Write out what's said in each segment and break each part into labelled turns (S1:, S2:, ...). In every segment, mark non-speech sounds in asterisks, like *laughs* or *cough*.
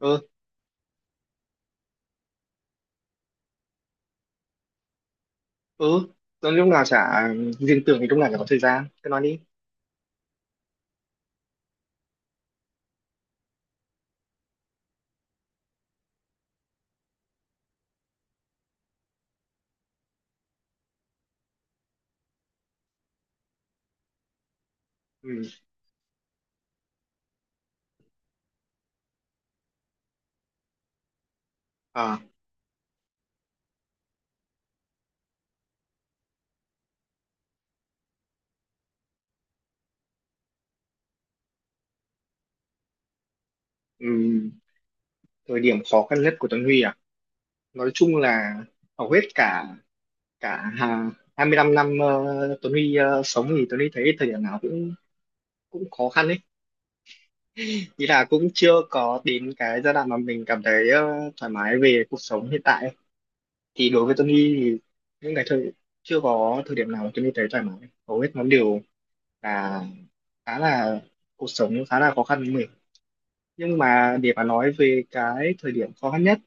S1: ừ ừ Rồi lúc nào chả riêng tưởng thì lúc nào chả có thời gian, cứ nói đi. Ừ. À. Ừ. Thời điểm khó khăn nhất của Tuấn Huy à, nói chung là hầu hết cả cả hà- 25 năm Tuấn Huy sống thì Tuấn Huy thấy thời điểm nào cũng cũng khó khăn ấy, ý là cũng chưa có đến cái giai đoạn mà mình cảm thấy thoải mái về cuộc sống hiện tại ấy. Thì đối với Tuấn Huy thì những cái thời, chưa có thời điểm nào mà Tuấn Huy thấy thoải mái, hầu hết nó đều là khá là, cuộc sống khá là khó khăn. Nhưng mà để mà nói về cái thời điểm khó khăn nhất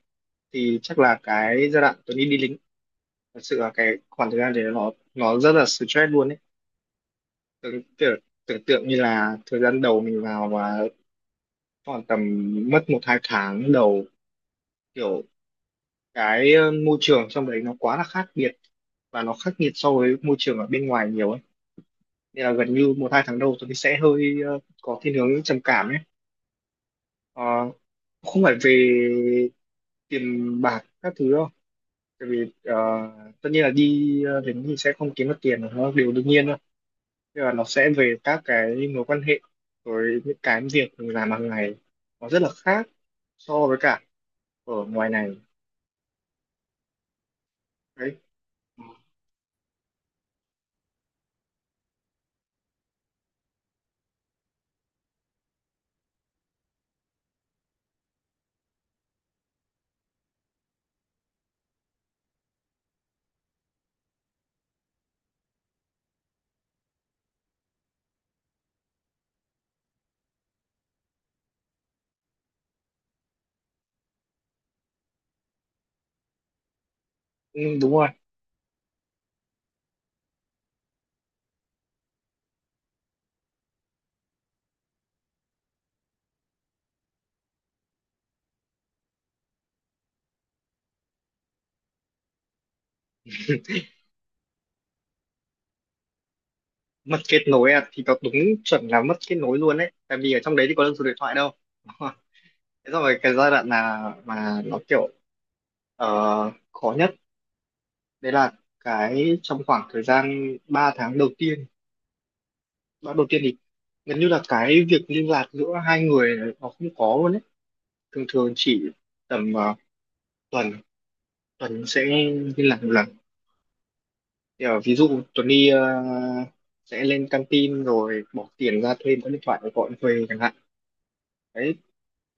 S1: thì chắc là cái giai đoạn tôi đi đi lính, thật sự là cái khoảng thời gian đấy nó rất là stress luôn ấy. Tưởng tưởng tưởng tượng như là thời gian đầu mình vào và khoảng tầm, mất một hai tháng đầu, kiểu cái môi trường trong đấy nó quá là khác biệt và nó khắc nghiệt so với môi trường ở bên ngoài nhiều ấy, nên là gần như một hai tháng đầu tôi sẽ hơi có thiên hướng trầm cảm ấy. Ờ, Không phải về tiền bạc các thứ đâu. Tại vì tất nhiên là đi đến thì sẽ không kiếm được tiền, nó là điều đương nhiên thôi, nhưng mà nó sẽ về các cái mối quan hệ với những cái việc mình làm hàng ngày, nó rất là khác so với cả ở ngoài này. Đấy. Ừ, đúng rồi. Mất kết nối à, thì nó đúng chuẩn là mất kết nối luôn đấy, tại vì ở trong đấy thì có được số điện thoại đâu. *laughs* Đúng rồi. Thế rồi cái giai đoạn là mà nó kiểu khó nhất đấy là cái trong khoảng thời gian 3 tháng đầu tiên, ba đầu tiên thì gần như là cái việc liên lạc giữa hai người này nó không có luôn ấy, thường thường chỉ tầm tuần, sẽ liên lạc một lần. Thì, ví dụ Tuấn đi sẽ lên căng tin rồi bỏ tiền ra thuê một điện thoại để gọi thuê chẳng hạn. Đấy,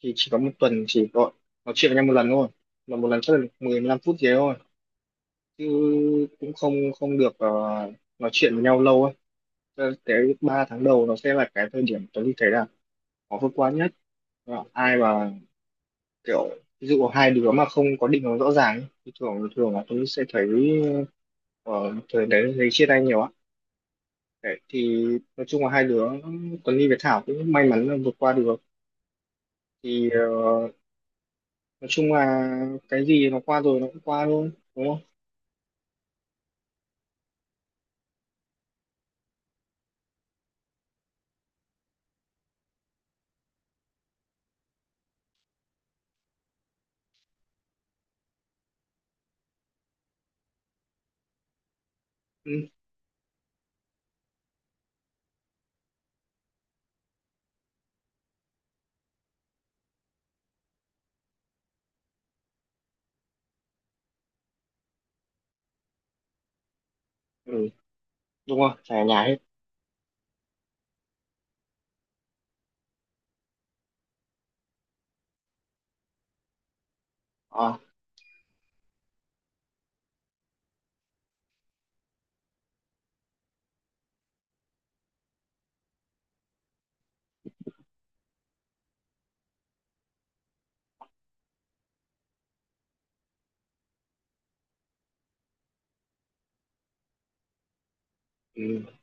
S1: thì chỉ có một tuần chỉ gọi nói chuyện với nhau một lần thôi, mà một lần chắc là 15 phút gì đấy thôi, chứ cũng không không được nói chuyện với nhau lâu ấy. Cho nên cái ba tháng đầu nó sẽ là cái thời điểm Tuấn đi thấy là khó vượt qua nhất. Và ai mà kiểu, ví dụ hai đứa mà không có định hướng rõ ràng ấy, thì thường thường là tôi sẽ thấy ở thời đấy thấy chia tay nhiều á. Đấy, thì nói chung là hai đứa Tuấn Ly với Thảo cũng may mắn là vượt qua được. Thì nói chung là cái gì nó qua rồi nó cũng qua thôi, đúng không. Ừ. Ừ, đúng rồi, phải ở nhà hết. À. Ừ.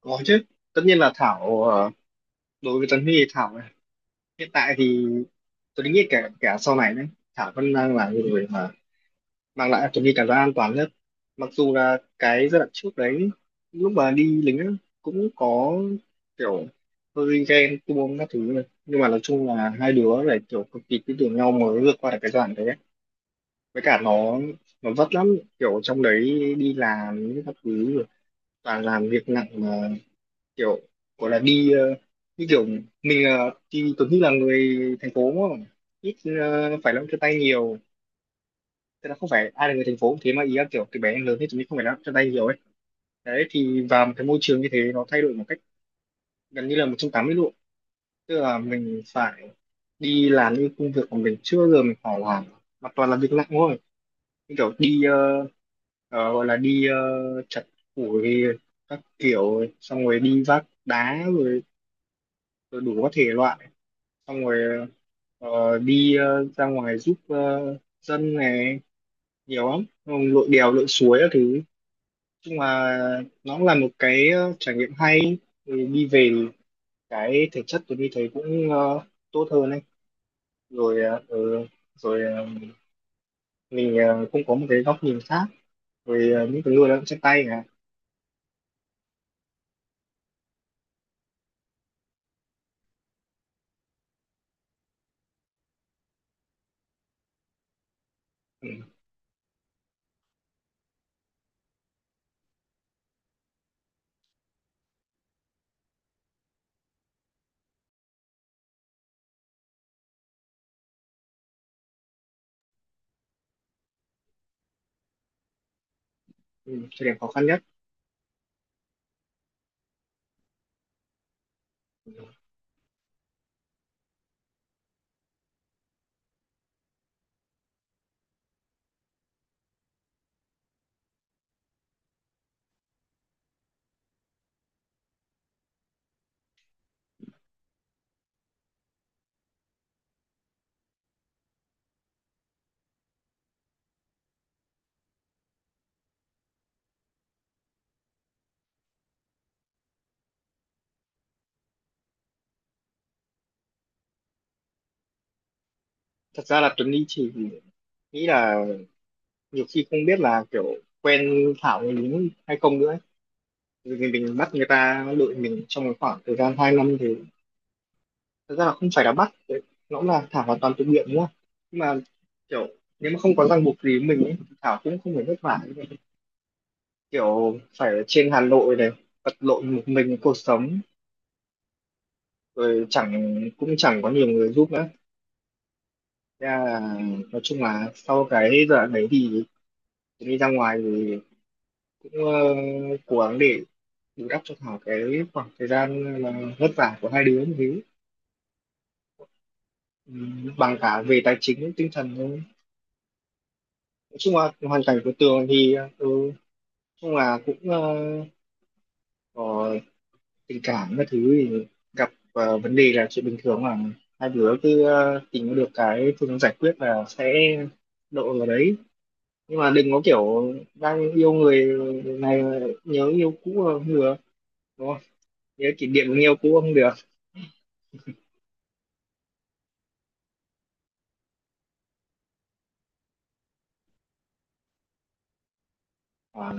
S1: Có chứ, tất nhiên là Thảo đối với Tuấn Huy thì Thảo này, hiện tại thì tôi nghĩ kể cả sau này đấy Thảo vẫn đang là người mà mang lại cho mình cảm giác an toàn nhất, mặc dù là cái giai đoạn trước đấy, lúc mà đi lính á, cũng có kiểu hơi ghen tuông các thứ này, nhưng mà nói chung là hai đứa phải kiểu cực kỳ tin tưởng nhau mới vượt qua được cái giai đoạn đấy ấy. Với cả nó vất lắm, kiểu trong đấy đi làm những các thứ rồi, toàn làm việc nặng mà, kiểu gọi là đi như kiểu mình thì Tuấn Huy là người thành phố mà ít phải làm chân tay nhiều, tức là không phải ai là người thành phố cũng thế, mà ý là kiểu từ bé đến lớn thì chúng mình không phải là chân tay nhiều ấy. Đấy, thì vào một cái môi trường như thế nó thay đổi một cách gần như là 180 độ, tức là mình phải đi làm những công việc mà mình chưa bao giờ mình phải làm, mà toàn là việc nặng thôi, như kiểu đi gọi là đi chặt củi các kiểu, xong rồi đi vác đá rồi, rồi đủ các thể loại, xong rồi đi ra ngoài giúp dân này nhiều lắm. Xong rồi lội đèo lội suối các thứ, nhưng mà nó cũng là một cái trải nghiệm hay. Thì đi về thì cái thể chất tôi đi thấy cũng tốt hơn ấy, rồi rồi mình cũng có một cái góc nhìn khác, rồi những cái người lao động chân tay là. Ừ. Ừ, thời điểm khó khăn nhất, thật ra là Tuấn đi chỉ nghĩ là nhiều khi không biết là kiểu quen Thảo người đúng hay không nữa ấy. Vì mình bắt người ta đội mình trong một khoảng thời gian 2 năm thì, thật ra là không phải là bắt đấy, nó cũng là thả hoàn toàn tự nguyện đúng không, nhưng mà kiểu, nếu mà không có ràng buộc gì với mình ấy, thì Thảo cũng không phải vất vả như vậy. Kiểu phải ở trên Hà Nội này vật lộn một mình cuộc sống, rồi chẳng, cũng chẳng có nhiều người giúp nữa. Thế là nói chung là sau cái giai đoạn đấy thì Tuyền đi ra ngoài thì cũng cố gắng để bù đắp cho Thảo cái khoảng thời gian mà vất vả của hai đứa như thế. Ừ, bằng cả về tài chính tinh thần thôi, nói chung là hoàn cảnh của Tường thì ừ, nhưng mà cũng có tình cảm các thứ thì gặp vấn đề là chuyện bình thường mà, hai đứa cứ tìm được cái phương giải quyết là sẽ độ vào đấy, nhưng mà đừng có kiểu đang yêu người này mà nhớ yêu cũ là không được, đúng không, nhớ kỷ niệm người yêu cũ không được. À.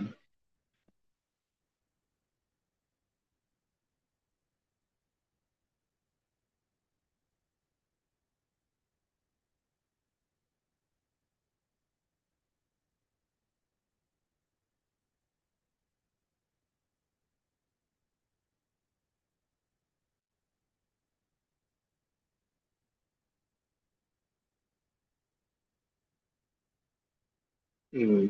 S1: Ừ.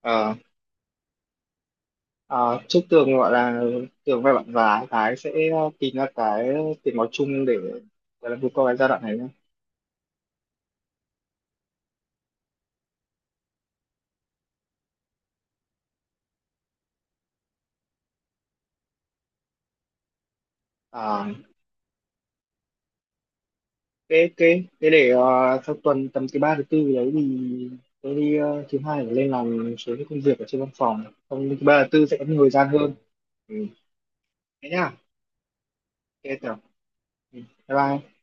S1: ờ, ờ, chúc Tường gọi là, Tường và bạn và Thái sẽ tìm ra cái tiếng nói chung để gọi là vượt qua cái giai đoạn này nhé. À, thế thế thế để sau tuần tầm thứ ba thứ tư gì đấy thì tôi đi thứ hai để lên làm một số cái công việc ở trên văn phòng, xong thứ ba thứ tư sẽ có nhiều thời gian hơn. Ừ. Thế nhá. Ok, chào. Ừ. Bye bye.